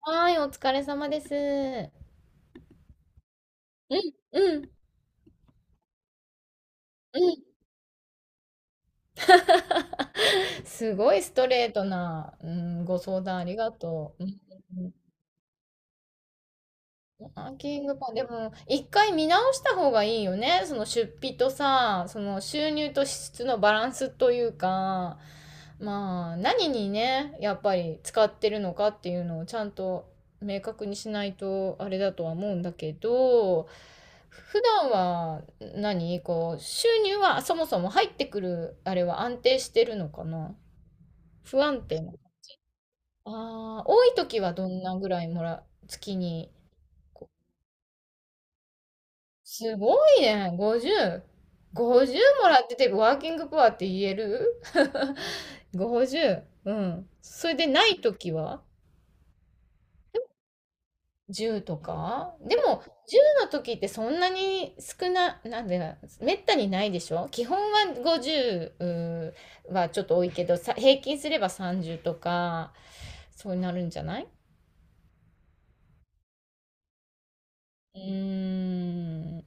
はーい、お疲れ様です。ん、うん、うん。すごいストレートな、ご相談ありがとう。うんランキングパン、でも、一回見直した方がいいよね。その出費とさ、その収入と支出のバランスというか、まあ、何にね、やっぱり使ってるのかっていうのをちゃんと明確にしないとあれだとは思うんだけど、普段は何こう、収入はそもそも入ってくる、あれは安定してるのかな、不安定な。ああ、多い時はどんなぐらい月に。すごいね。50。50もらってて、ワーキングプアって言える？ 50。 うん。それでないときは？ 10 とかでも、10の時ってそんなになんでな、めったにないでしょ基本は50、ううーはちょっと多いけど、さ、平均すれば30とか、そうなるんじゃない？うーん。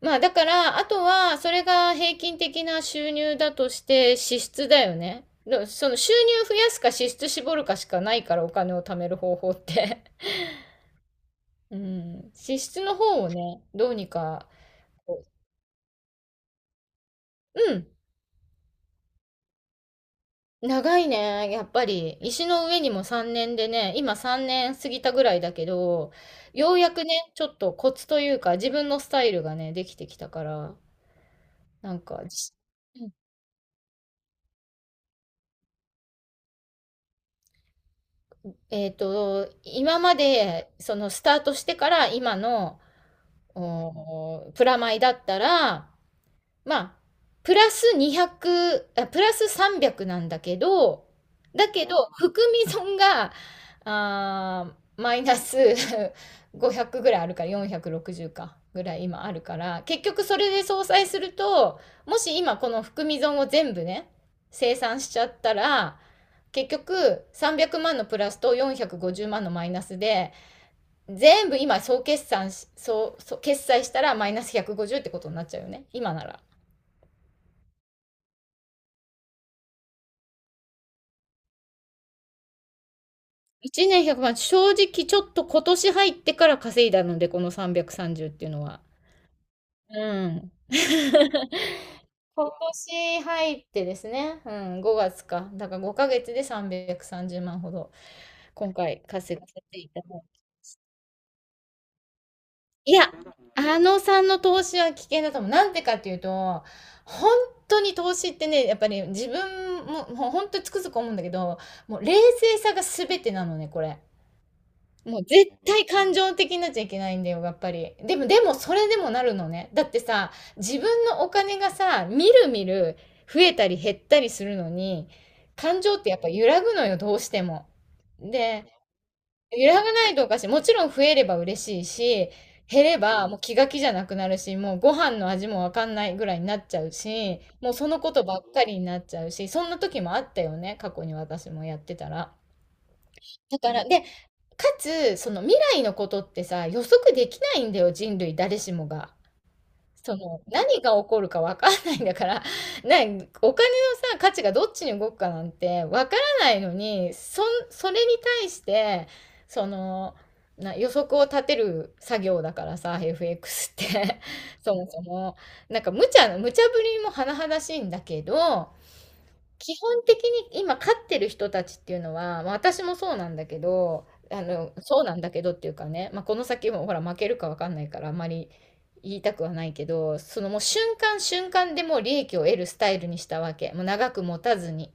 まあだから、あとは、それが平均的な収入だとして支出だよね。その収入増やすか支出絞るかしかないから、お金を貯める方法って。うん。支出の方をね、どうにか。うん。長いね、やっぱり。石の上にも3年でね、今3年過ぎたぐらいだけど、ようやくね、ちょっとコツというか、自分のスタイルがね、できてきたから、なんか、今まで、そのスタートしてから今の、おプラマイだったら、まあ、プラス200、プラス300なんだけど、だけど、含み損が、あー、マイナス 500ぐらいあるから、460か、ぐらい今あるから、結局それで相殺すると、もし今この含み損を全部ね、清算しちゃったら、結局300万のプラスと450万のマイナスで、全部今総決算し、総、総決済したらマイナス150ってことになっちゃうよね。今なら。一年100万、正直ちょっと今年入ってから稼いだので、この330っていうのは。うん。今年入ってですね、うん、5月か。だから5ヶ月で330万ほど、今回稼がせていただいて。いや、あのさんの投資は危険だと思う。なんでかっていうと、本当に投資ってね、やっぱり自分も、もう本当につくづく思うんだけど、もう冷静さが全てなのね、これ。もう絶対感情的になっちゃいけないんだよ、やっぱり。でも、それでもなるのね。だってさ、自分のお金がさ、みるみる増えたり減ったりするのに、感情ってやっぱ揺らぐのよ、どうしても。で、揺らがないとおかしい。もちろん増えれば嬉しいし、減ればもう気が気じゃなくなるし、もうご飯の味もわかんないぐらいになっちゃうし、もうそのことばっかりになっちゃうし、そんな時もあったよね、過去に私もやってたら。だから、で、かつ、その未来のことってさ、予測できないんだよ、人類誰しもが。その、何が起こるかわかんないんだから、な、お金のさ、価値がどっちに動くかなんてわからないのに、それに対して、その、予測を立てる作業だからさ、FX って そもそも。なんか無茶無茶ぶりも甚だしいんだけど、基本的に今飼ってる人たちっていうのは、まあ、私もそうなんだけど、そうなんだけどっていうかね、まあ、この先もほら負けるかわかんないからあんまり言いたくはないけど、そのもう瞬間瞬間でもう利益を得るスタイルにしたわけ。もう長く持たずに。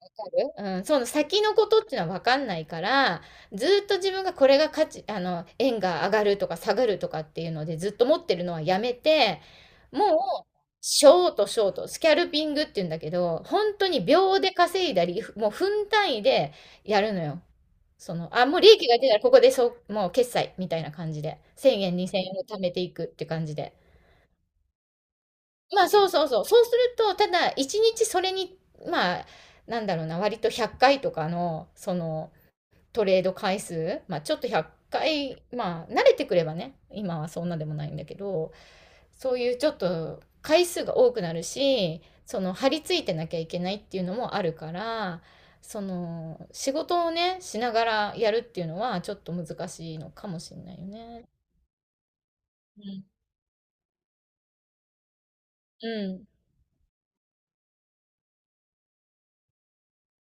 わかる？うん、その先のことっていうのは分かんないから、ずーっと自分がこれが価値、円が上がるとか下がるとかっていうのでずっと持ってるのはやめて、もう、ショートショート、スキャルピングっていうんだけど、本当に秒で稼いだり、もう分単位でやるのよ。もう利益が出たらここでもう決済みたいな感じで、1、 0円、2000円を貯めていくって感じで。そうすると、ただ一日それに、まあ、なんだろうな、割と100回とかの、そのトレード回数、まあちょっと100回、まあ慣れてくればね、今はそんなでもないんだけど、そういうちょっと回数が多くなるし、その張り付いてなきゃいけないっていうのもあるから、その仕事をね、しながらやるっていうのはちょっと難しいのかもしれないよね。うん。うん。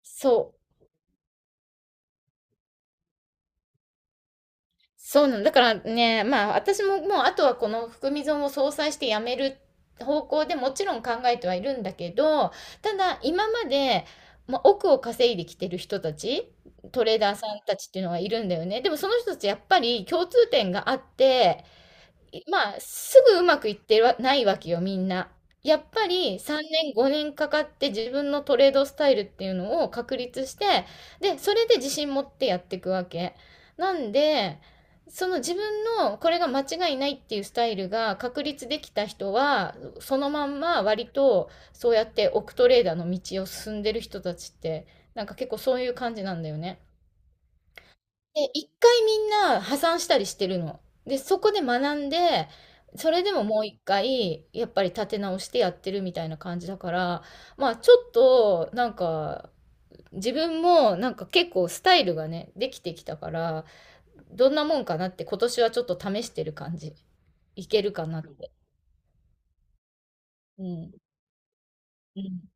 そう。そうなんだからね、まあ私ももうあとはこの含み損を相殺してやめる方向でもちろん考えてはいるんだけど、ただ今まで、まあ、億を稼いできてる人たち、トレーダーさんたちっていうのがいるんだよね。でもその人たちやっぱり共通点があって、まあ、すぐうまくいってはないわけよ、みんな。やっぱり3年、5年かかって自分のトレードスタイルっていうのを確立して、で、それで自信持ってやっていくわけ。なんで、その自分のこれが間違いないっていうスタイルが確立できた人は、そのまんま割とそうやって億トレーダーの道を進んでる人たちって、なんか結構そういう感じなんだよね。で、一回みんな破産したりしてるの。で、そこで学んで、それでももう一回、やっぱり立て直してやってるみたいな感じだから、まあちょっと、なんか、自分もなんか結構スタイルがね、できてきたから、どんなもんかなって今年はちょっと試してる感じ。いけるかなって。うん。うん。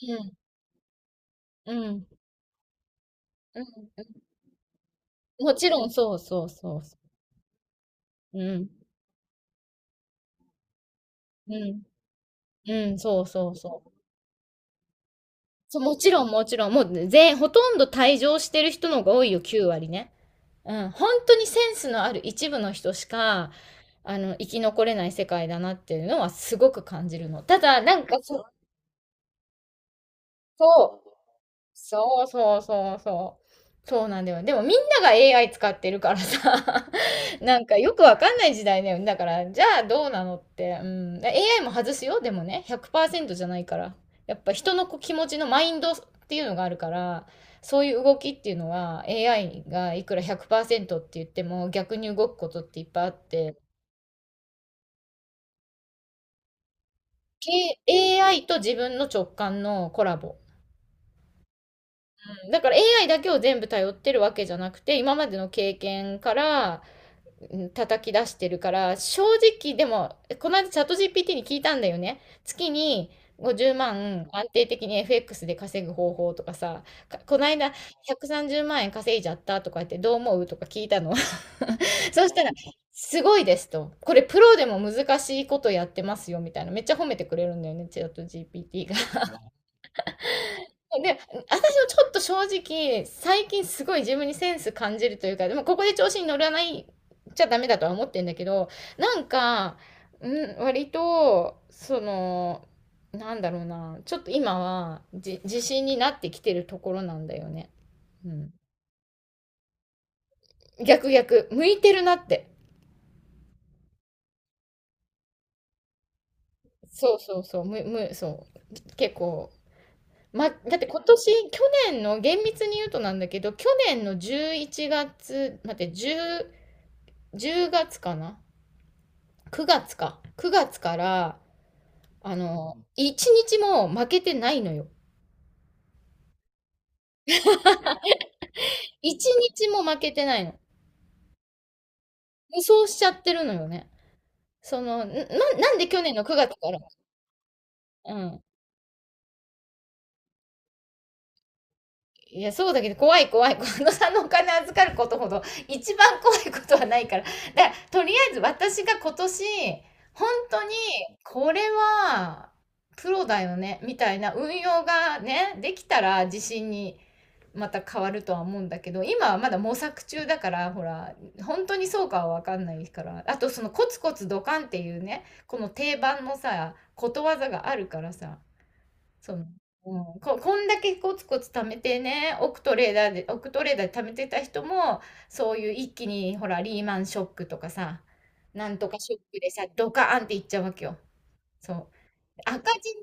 うん。うん。うん。もちろん、そうそうそうそう。うん。うん。うん。そうそうそう。そう、もちろんもちろん、もう全、ほとんど退場してる人の方が多いよ、9割ね。うん、本当にセンスのある一部の人しか、生き残れない世界だなっていうのはすごく感じるの。ただ、なんかそ、そうそうそうそうそう。そうなんだよ。でもみんなが AI 使ってるからさ、なんかよくわかんない時代だよね。だから、じゃあどうなのって。うん。AI も外すよ。でもね、100%じゃないから。やっぱ人のこう気持ちのマインドっていうのがあるから、そういう動きっていうのは AI がいくら100%って言っても逆に動くことっていっぱいあって、AI と自分の直感のコラボ。だから AI だけを全部頼ってるわけじゃなくて、今までの経験からうん叩き出してるから、正直でも、この間チャット GPT に聞いたんだよね。月に50万安定的に FX で稼ぐ方法とかさ、この間130万円稼いじゃったとか言ってどう思うとか聞いたの。そしたら、すごいですと。これプロでも難しいことやってますよみたいな。めっちゃ褒めてくれるんだよね、チャット GPT が。で、私もちょっと正直、最近すごい自分にセンス感じるというか、でもここで調子に乗らないちゃダメだとは思ってんだけど、なんか、うん、割と、その、なんだろうな、ちょっと今自信になってきてるところなんだよね。うん。逆逆、向いてるなって。そうそうそう、そう。結構、ま、だって今年、去年の、厳密に言うとなんだけど、去年の11月、待って、10月かな？ 9 月か。9月から、1日も負けてないのよ。1日も負けてないの。無双しちゃってるのよね。その、なんで去年の9月から、うん。いや、そうだけど、怖い怖い。このさんのお金預かることほど、一番怖いことはないから。だから、とりあえず私が今年、本当に、これは、プロだよね、みたいな運用がね、できたら自信にまた変わるとは思うんだけど、今はまだ模索中だから、ほら、本当にそうかはわかんないから。あと、そのコツコツドカンっていうね、この定番のさ、ことわざがあるからさ、そう。うん、ここんだけコツコツ貯めてね、億トレーダーで貯めてた人も、そういう一気に、ほら、リーマンショックとかさ、なんとかショックでさ、ドカーンっていっちゃうわけよ。そう。赤字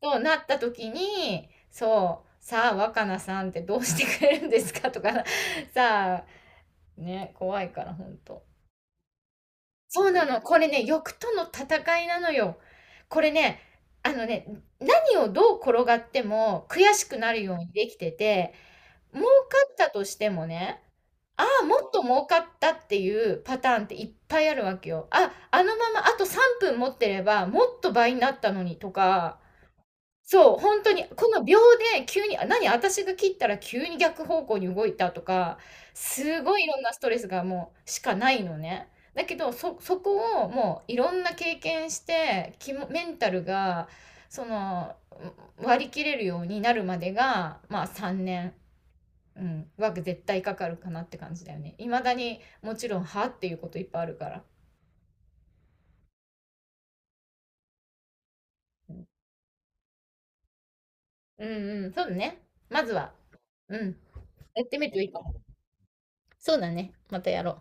となった時に、そう、さあ、若菜さんってどうしてくれるんですかとか、さあ、ね、怖いから、本当そうなの。これね、欲との戦いなのよ。これね、あのね、何をどう転がっても悔しくなるようにできてて、儲かったとしてもね、ああ、もっと儲かったっていうパターンっていっぱいあるわけよ。あ、あのままあと3分持ってればもっと倍になったのにとか、そう、本当に、この秒で急に、あ、何、私が切ったら急に逆方向に動いたとか、すごいいろんなストレスがもうしかないのね。だけど、そこをもういろんな経験して、メンタルが、その、割り切れるようになるまでが、まあ、3年、うん、は絶対かかるかなって感じだよね。未だにもちろん、はっていうこといっぱいあるから。うん、うんうん、そうだね。まずは、うん、やってみるといいかも。そうだね、またやろう。